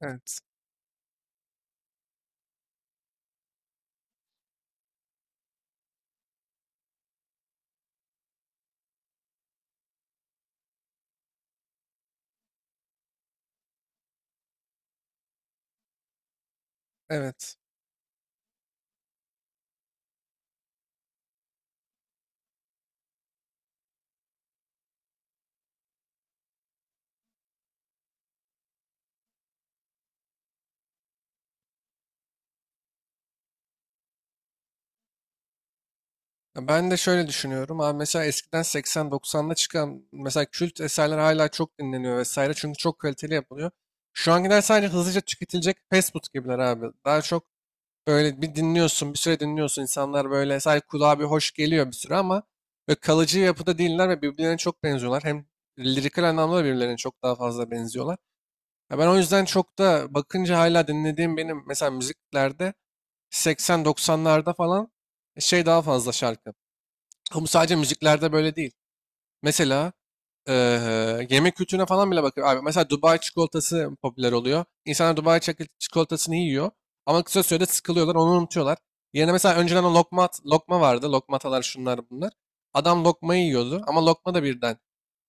Evet. Evet. Ben de şöyle düşünüyorum. Abi mesela eskiden 80-90'da çıkan mesela kült eserler hala çok dinleniyor vesaire. Çünkü çok kaliteli yapılıyor. Şu ankiler sadece hızlıca tüketilecek fast food gibiler abi. Daha çok böyle bir dinliyorsun, bir süre dinliyorsun. İnsanlar böyle sadece kulağa bir hoş geliyor bir süre ama böyle kalıcı yapıda değiller ve birbirlerine çok benziyorlar. Hem lirikal anlamda da birbirlerine çok daha fazla benziyorlar. Ya ben o yüzden çok da bakınca hala dinlediğim benim mesela müziklerde 80-90'larda falan daha fazla şarkı. Ama sadece müziklerde böyle değil. Mesela yemek kültürüne falan bile bakıyor. Abi, mesela Dubai çikolatası popüler oluyor. İnsanlar Dubai çikolatasını yiyor ama kısa sürede sıkılıyorlar, onu unutuyorlar. Yerine mesela önceden o lokma, lokma vardı. Lokmatalar şunlar bunlar. Adam lokmayı yiyordu ama lokma da birden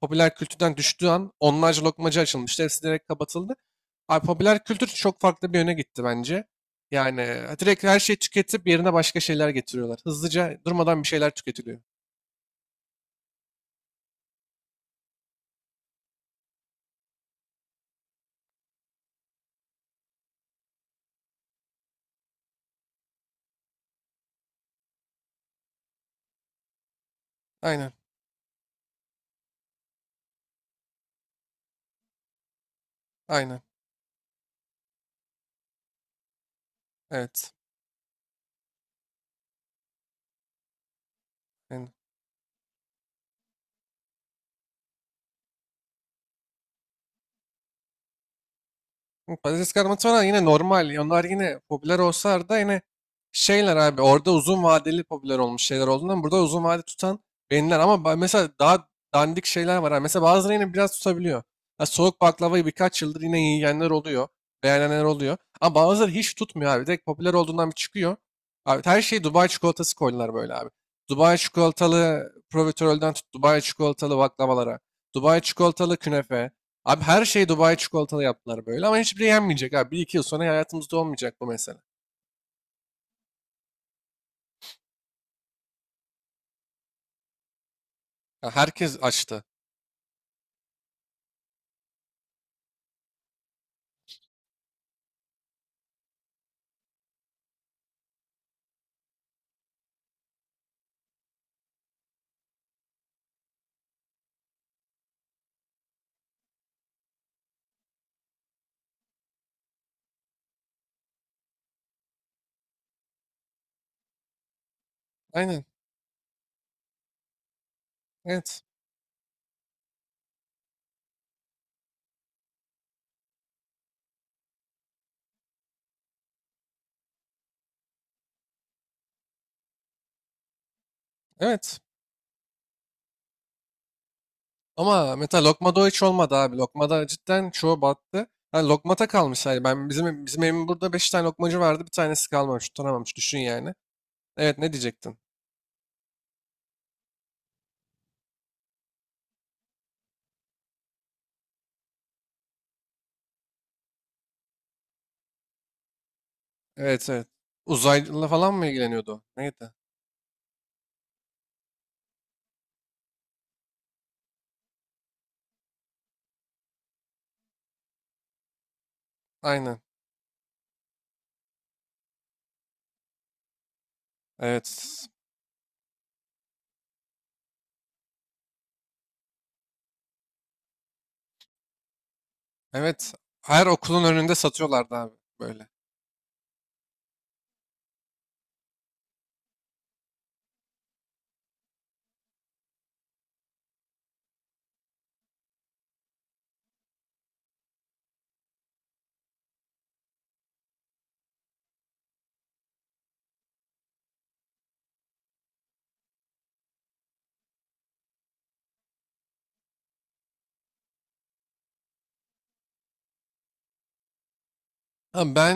popüler kültürden düştüğü an onlarca lokmacı açılmıştı. Hepsi direkt kapatıldı. Abi popüler kültür çok farklı bir yöne gitti bence. Yani direkt her şeyi tüketip yerine başka şeyler getiriyorlar. Hızlıca durmadan bir şeyler tüketiliyor. Aynen, aynen. Evet. Yani, bu patates kızartması falan yine normal. Onlar yine popüler olsalar da yine abi orada uzun vadeli popüler olmuş şeyler olduğundan burada uzun vade tutan beğeniler. Ama mesela daha dandik şeyler var. Ha, mesela bazıları yine biraz tutabiliyor. Ha, soğuk baklavayı birkaç yıldır yine yiyenler oluyor. Beğenenler oluyor. Ama bazıları hiç tutmuyor abi. Direkt popüler olduğundan bir çıkıyor. Abi her şeyi Dubai çikolatası koydular böyle abi. Dubai çikolatalı profiterolden tut Dubai çikolatalı baklavalara. Dubai çikolatalı künefe. Abi her şeyi Dubai çikolatalı yaptılar böyle ama hiçbiri yenmeyecek abi. Bir iki yıl sonra hayatımızda olmayacak bu mesele. Ya herkes açtı. Aynen. Evet. Evet. Ama mesela lokmada o hiç olmadı abi. Lokmada cidden çoğu battı. Yani lokmata kalmış yani. Ben bizim evimin burada beş tane lokmacı vardı. Bir tanesi kalmamış, tutunamamış. Düşün yani. Evet, ne diyecektin? Evet, evet. Uzaylı falan mı ilgileniyordu o? Neydi? Aynen. Evet. Evet. Her okulun önünde satıyorlardı abi böyle. Ha ben,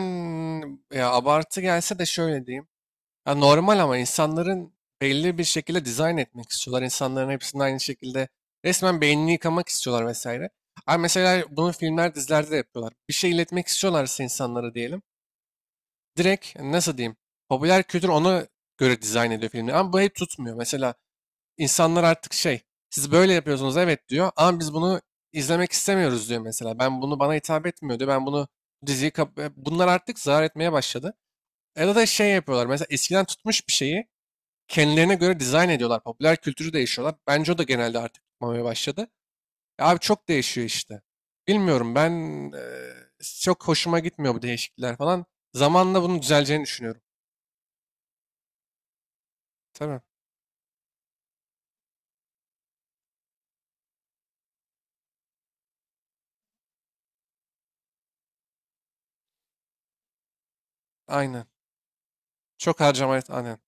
ya abartı gelse de şöyle diyeyim. Ya normal ama insanların belli bir şekilde dizayn etmek istiyorlar. İnsanların hepsinin aynı şekilde resmen beynini yıkamak istiyorlar vesaire. Ama mesela bunu filmler, dizilerde de yapıyorlar. Bir şey iletmek istiyorlarsa insanlara diyelim. Direkt nasıl diyeyim? Popüler kültür ona göre dizayn ediyor filmleri. Ama bu hep tutmuyor. Mesela insanlar artık siz böyle yapıyorsunuz evet diyor. Ama biz bunu izlemek istemiyoruz diyor mesela. Ben bunu bana hitap etmiyor diyor. Ben bunu bunlar artık zarar etmeye başladı. Ya da şey yapıyorlar. Mesela eskiden tutmuş bir şeyi kendilerine göre dizayn ediyorlar. Popüler kültürü değişiyorlar. Bence o da genelde artık tutmamaya başladı. E abi çok değişiyor işte. Bilmiyorum ben, eee, çok hoşuma gitmiyor bu değişiklikler falan. Zamanla bunun düzeleceğini düşünüyorum. Tabii. Aynen. Çok harcama, aynen.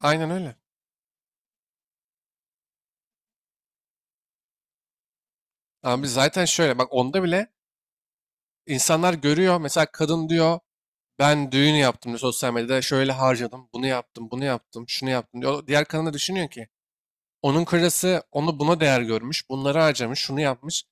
Aynen öyle. Abi zaten şöyle bak, onda bile insanlar görüyor. Mesela kadın diyor ben düğün yaptım diyor sosyal medyada, şöyle harcadım. Bunu yaptım, bunu yaptım, şunu yaptım diyor. Diğer kadın da düşünüyor ki onun karısı onu buna değer görmüş. Bunları harcamış, şunu yapmış.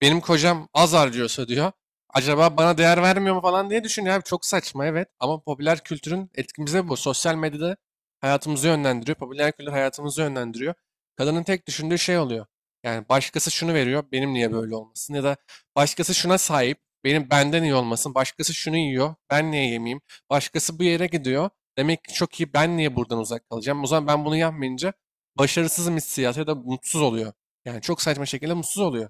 Benim kocam az harcıyorsa diyor. Acaba bana değer vermiyor mu falan diye düşünüyor abi. Çok saçma evet ama popüler kültürün etkimize bu. Sosyal medyada hayatımızı yönlendiriyor. Popüler kültür hayatımızı yönlendiriyor. Kadının tek düşündüğü şey oluyor. Yani başkası şunu veriyor, benim niye böyle olmasın? Ya da başkası şuna sahip, benim benden iyi olmasın. Başkası şunu yiyor, ben niye yemeyeyim? Başkası bu yere gidiyor. Demek ki çok iyi, ben niye buradan uzak kalacağım? O zaman ben bunu yapmayınca başarısızım hissiyatı ya da mutsuz oluyor. Yani çok saçma şekilde mutsuz oluyor.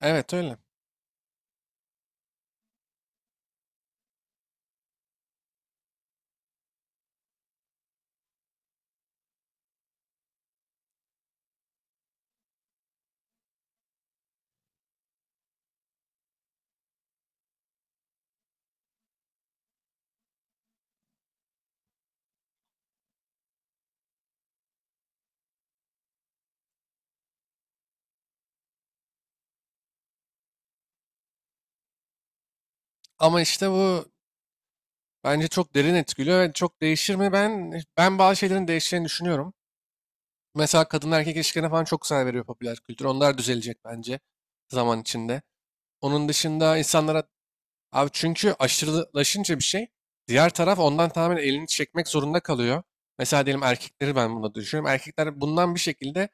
Evet öyle. Ama işte bu bence çok derin etkiliyor ve çok değişir mi? Ben bazı şeylerin değişeceğini düşünüyorum. Mesela kadın erkek ilişkilerine falan çok saygı veriyor popüler kültür. Onlar düzelecek bence zaman içinde. Onun dışında insanlar. Abi çünkü aşırılaşınca bir şey, diğer taraf ondan tamamen elini çekmek zorunda kalıyor. Mesela diyelim erkekleri ben buna düşünüyorum. Erkekler bundan bir şekilde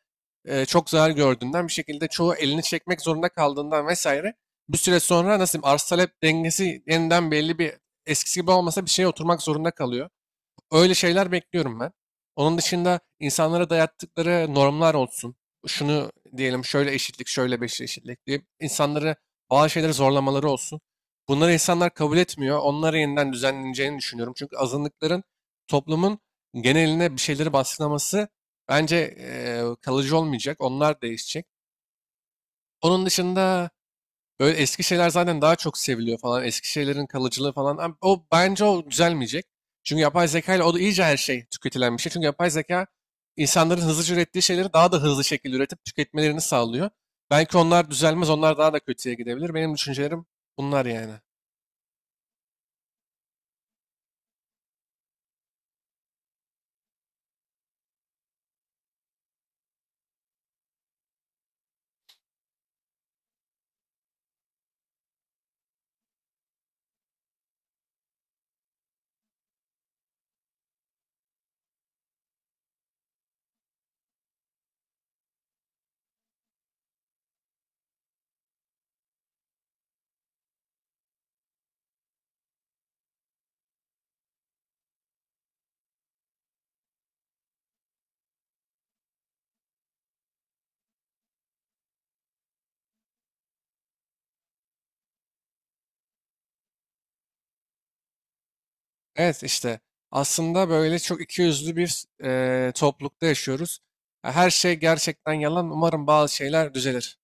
çok zarar gördüğünden, bir şekilde çoğu elini çekmek zorunda kaldığından vesaire, bir süre sonra nasıl diyeyim arz talep dengesi yeniden belli bir, eskisi gibi olmasa bir şeye oturmak zorunda kalıyor. Öyle şeyler bekliyorum ben. Onun dışında insanlara dayattıkları normlar olsun. Şunu diyelim şöyle eşitlik, şöyle beşli eşitlik diye insanları bazı şeyleri zorlamaları olsun. Bunları insanlar kabul etmiyor. Onları yeniden düzenleneceğini düşünüyorum. Çünkü azınlıkların toplumun geneline bir şeyleri baskılaması bence kalıcı olmayacak. Onlar değişecek. Onun dışında böyle eski şeyler zaten daha çok seviliyor falan. Eski şeylerin kalıcılığı falan. O bence o düzelmeyecek. Çünkü yapay zeka ile o da iyice her şey tüketilen bir şey. Çünkü yapay zeka insanların hızlıca ürettiği şeyleri daha da hızlı şekilde üretip tüketmelerini sağlıyor. Belki onlar düzelmez, onlar daha da kötüye gidebilir. Benim düşüncelerim bunlar yani. Evet işte aslında böyle çok ikiyüzlü bir, toplulukta yaşıyoruz. Her şey gerçekten yalan. Umarım bazı şeyler düzelir.